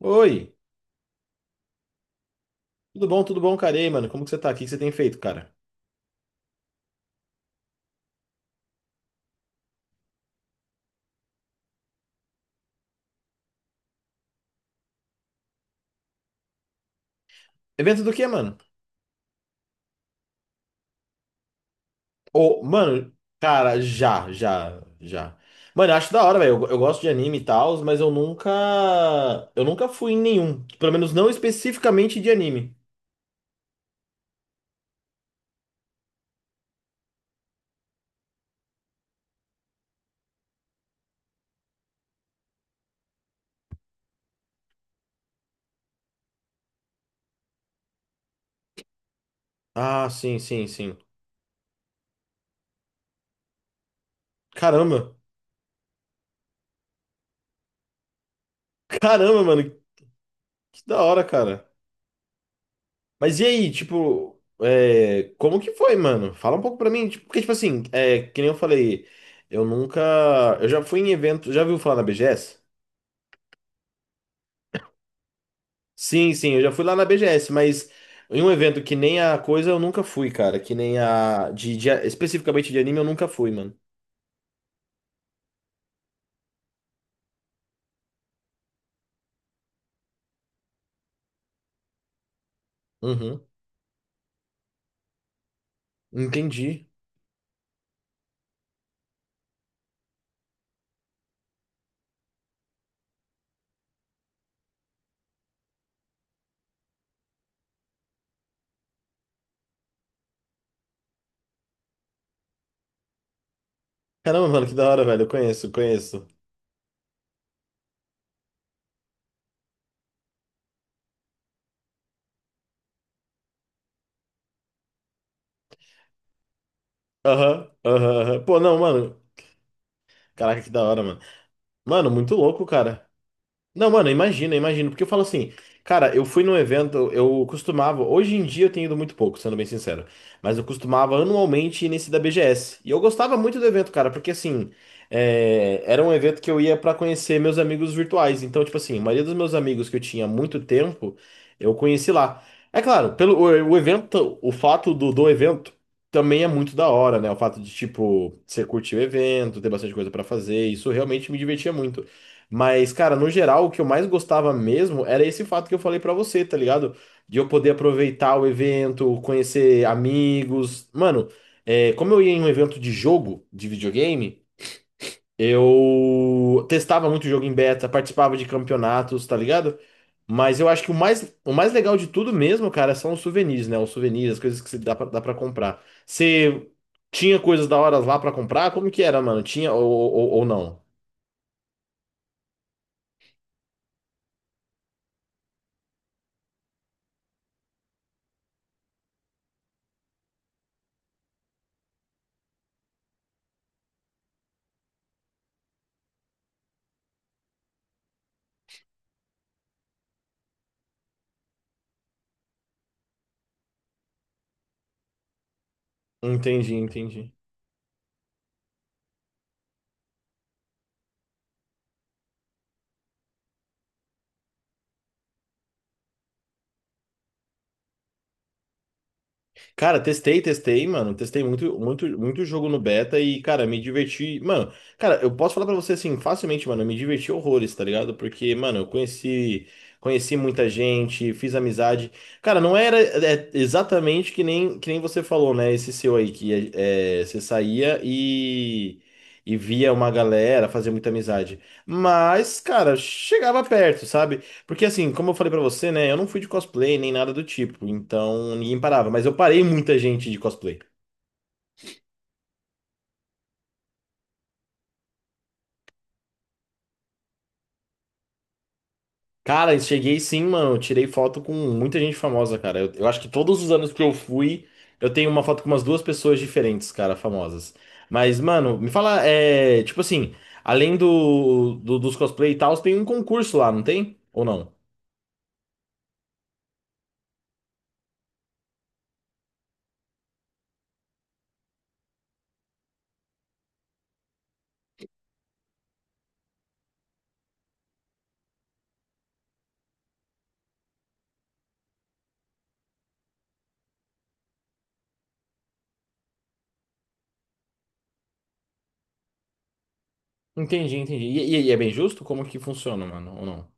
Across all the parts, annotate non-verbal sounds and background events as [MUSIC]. Oi, tudo bom, cara? E aí, mano, como que você tá aqui? O que você tem feito, cara? Evento do quê, mano? Ô, mano, cara, já, já, já. Mano, eu acho da hora, velho. Eu gosto de anime e tal, mas eu nunca. Eu nunca fui em nenhum. Pelo menos não especificamente de anime. Ah, sim, sim, sim. Caramba! [LAUGHS] Caramba, mano, que da hora, cara. Mas e aí, tipo, como que foi, mano? Fala um pouco pra mim. Tipo, porque, tipo assim, que nem eu falei, eu nunca. Eu já fui em evento. Já viu falar na BGS? Sim, sim, eu já fui lá na BGS, mas em um evento que nem a coisa eu nunca fui, cara. Que nem a. Especificamente de anime eu nunca fui, mano. Uhum. Entendi. Caramba, mano, que da hora, velho. Eu conheço, conheço. Aham, aham, aham. Pô, não, mano. Caraca, que da hora, mano. Mano, muito louco, cara. Não, mano, imagina, imagina. Porque eu falo assim, cara, eu fui num evento, eu costumava. Hoje em dia eu tenho ido muito pouco, sendo bem sincero. Mas eu costumava anualmente ir nesse da BGS. E eu gostava muito do evento, cara, porque assim, era um evento que eu ia pra conhecer meus amigos virtuais. Então, tipo assim, a maioria dos meus amigos que eu tinha há muito tempo, eu conheci lá. É claro, pelo o evento, o fato do evento também é muito da hora, né? O fato de, tipo, você curtir o evento, ter bastante coisa pra fazer, isso realmente me divertia muito. Mas, cara, no geral, o que eu mais gostava mesmo era esse fato que eu falei pra você, tá ligado? De eu poder aproveitar o evento, conhecer amigos. Mano, como eu ia em um evento de jogo, de videogame, eu testava muito jogo em beta, participava de campeonatos, tá ligado? Mas eu acho que o mais legal de tudo mesmo, cara, são os souvenirs, né? Os souvenirs, as coisas que você dá pra comprar. Você tinha coisas da hora lá pra comprar? Como que era, mano? Tinha ou não? Entendi, entendi. Cara, testei, testei, mano. Testei muito, muito, muito jogo no beta e, cara, me diverti. Mano, cara, eu posso falar pra você assim, facilmente, mano, eu me diverti horrores, tá ligado? Porque, mano, eu conheci, conheci muita gente, fiz amizade. Cara, não era exatamente que nem você falou, né? Esse seu aí, que é, você saía e via uma galera, fazia muita amizade. Mas, cara, chegava perto, sabe? Porque assim, como eu falei pra você, né? Eu não fui de cosplay nem nada do tipo, então ninguém parava. Mas eu parei muita gente de cosplay. Cara, eu cheguei sim, mano. Eu Tirei foto com muita gente famosa, cara. Eu acho que todos os anos que eu fui, eu tenho uma foto com umas duas pessoas diferentes, cara, famosas. Mas, mano, me fala, é. Tipo assim, além dos cosplay e tal, tem um concurso lá, não tem? Ou não? Entendi, entendi. E é bem justo? Como que funciona, mano? Ou não?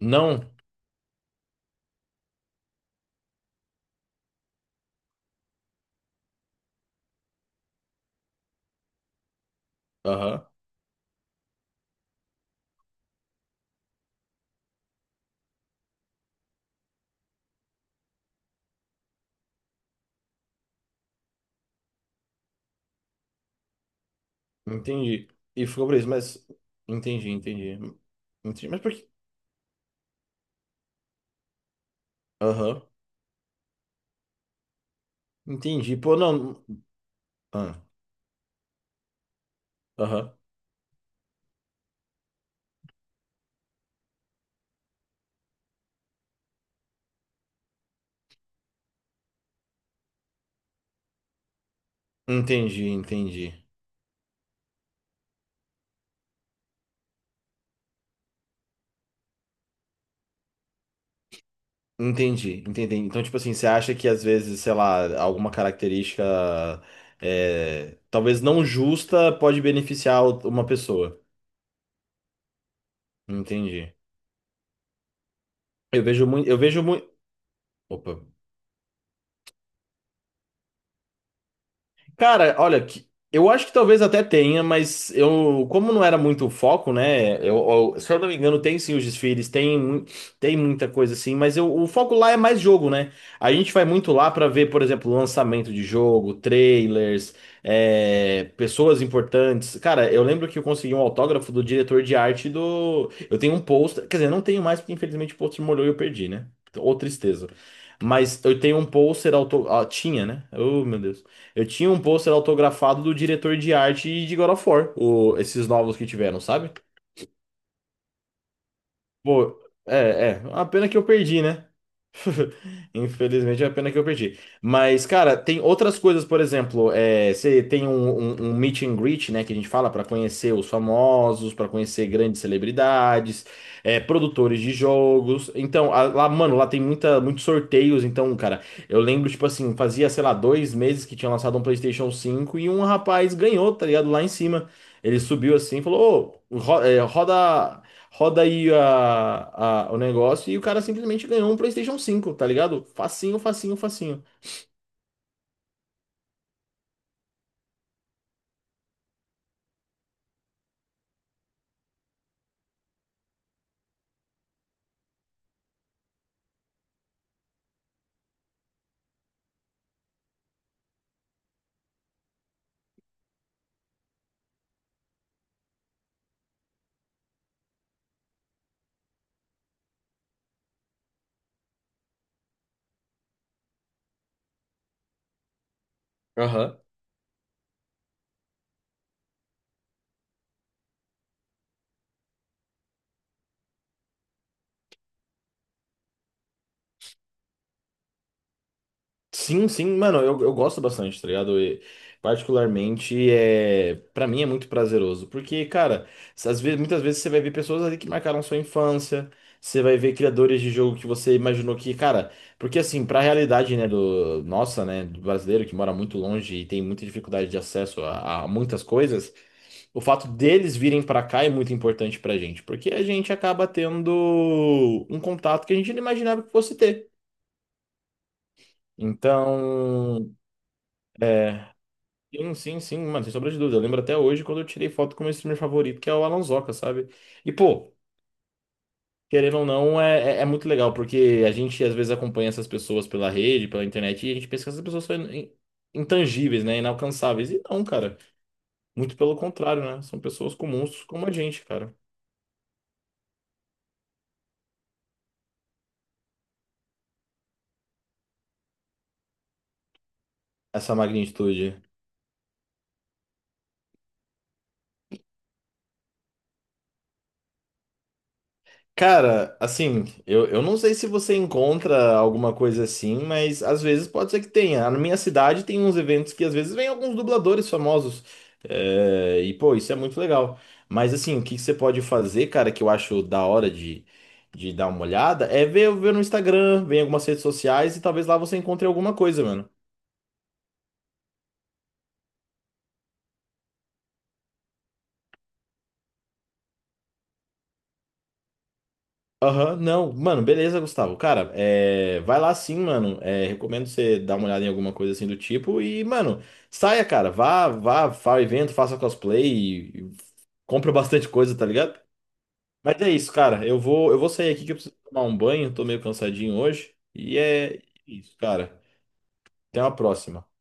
Não? Aham. Entendi. E ficou por isso, mas. Entendi, entendi. Entendi, mas por que. Aham. Entendi. Pô, não. Ah, aham. Entendi, entendi. Entendi, entendi. Então, tipo assim, você acha que às vezes, sei lá, alguma característica talvez não justa pode beneficiar o- uma pessoa. Entendi. Eu vejo muito. Eu vejo muito. Opa. Cara, olha, que- eu acho que talvez até tenha, mas eu, como não era muito o foco, né? Se eu não me engano, tem sim os desfiles, tem muita coisa assim, mas eu- o foco lá é mais jogo, né? A gente vai muito lá pra ver, por exemplo, lançamento de jogo, trailers, pessoas importantes. Cara, eu lembro que eu consegui um autógrafo do diretor de arte do. Eu tenho um pôster, quer dizer, não tenho mais, porque infelizmente o pôster molhou e eu perdi, né? Ou tristeza. Mas eu tenho um pôster auto... ah, tinha, né? Oh, meu Deus. Eu tinha um pôster autografado do diretor de arte de God of War, o- esses novos que tiveram, sabe? Pô, é, é. A pena que eu perdi, né? [LAUGHS] Infelizmente é a pena que eu perdi. Mas, cara, tem outras coisas, por exemplo, você tem um, um, um meet and greet, né, que a gente fala para conhecer os famosos, para conhecer grandes celebridades, produtores de jogos. Então, a- lá, mano, lá tem muita, muitos sorteios. Então, cara, eu lembro, tipo assim, fazia, sei lá, 2 meses que tinha lançado um PlayStation 5 e um rapaz ganhou, tá ligado? Lá em cima. Ele subiu assim e falou: Ô, roda. Roda aí o negócio e o cara simplesmente ganhou um PlayStation 5, tá ligado? Facinho, facinho, facinho. Aham. Sim, sim, mano, eu gosto bastante, tá ligado? E, particularmente, para mim é muito prazeroso, porque, cara, às vezes, muitas vezes você vai ver pessoas ali que marcaram sua infância, você vai ver criadores de jogo que você imaginou que, cara, porque assim, pra realidade, né, do nossa, né, do brasileiro que mora muito longe e tem muita dificuldade de acesso a muitas coisas, o fato deles virem pra cá é muito importante pra gente, porque a gente acaba tendo um contato que a gente não imaginava que fosse ter. Então, é, sim, sim, sim, mano, sem sombra de dúvida. Eu lembro até hoje quando eu tirei foto com o meu streamer favorito, que é o Alonsoca, sabe? E, pô, querendo ou não, é muito legal, porque a gente às vezes acompanha essas pessoas pela rede, pela internet, e a gente pensa que essas pessoas são intangíveis, né? Inalcançáveis. E não, cara. Muito pelo contrário, né? São pessoas comuns como a gente, cara. Essa magnitude. Cara, assim, eu não sei se você encontra alguma coisa assim, mas às vezes pode ser que tenha. Na minha cidade tem uns eventos que às vezes vem alguns dubladores famosos. É, e, pô, isso é muito legal. Mas, assim, o que que você pode fazer, cara, que eu acho da hora de dar uma olhada, é ver, no Instagram, ver em algumas redes sociais e talvez lá você encontre alguma coisa, mano. Aham, não. Mano, beleza, Gustavo. Cara, vai lá sim, mano. É, recomendo você dar uma olhada em alguma coisa assim do tipo. E, mano, saia, cara. Vá, vá, faça evento, faça cosplay. Compra [LAUGHS] bastante coisa, tá ligado? Mas é isso, cara. Eu vou sair aqui que eu preciso tomar um banho. Tô meio cansadinho hoje. E é isso, cara. Até uma próxima.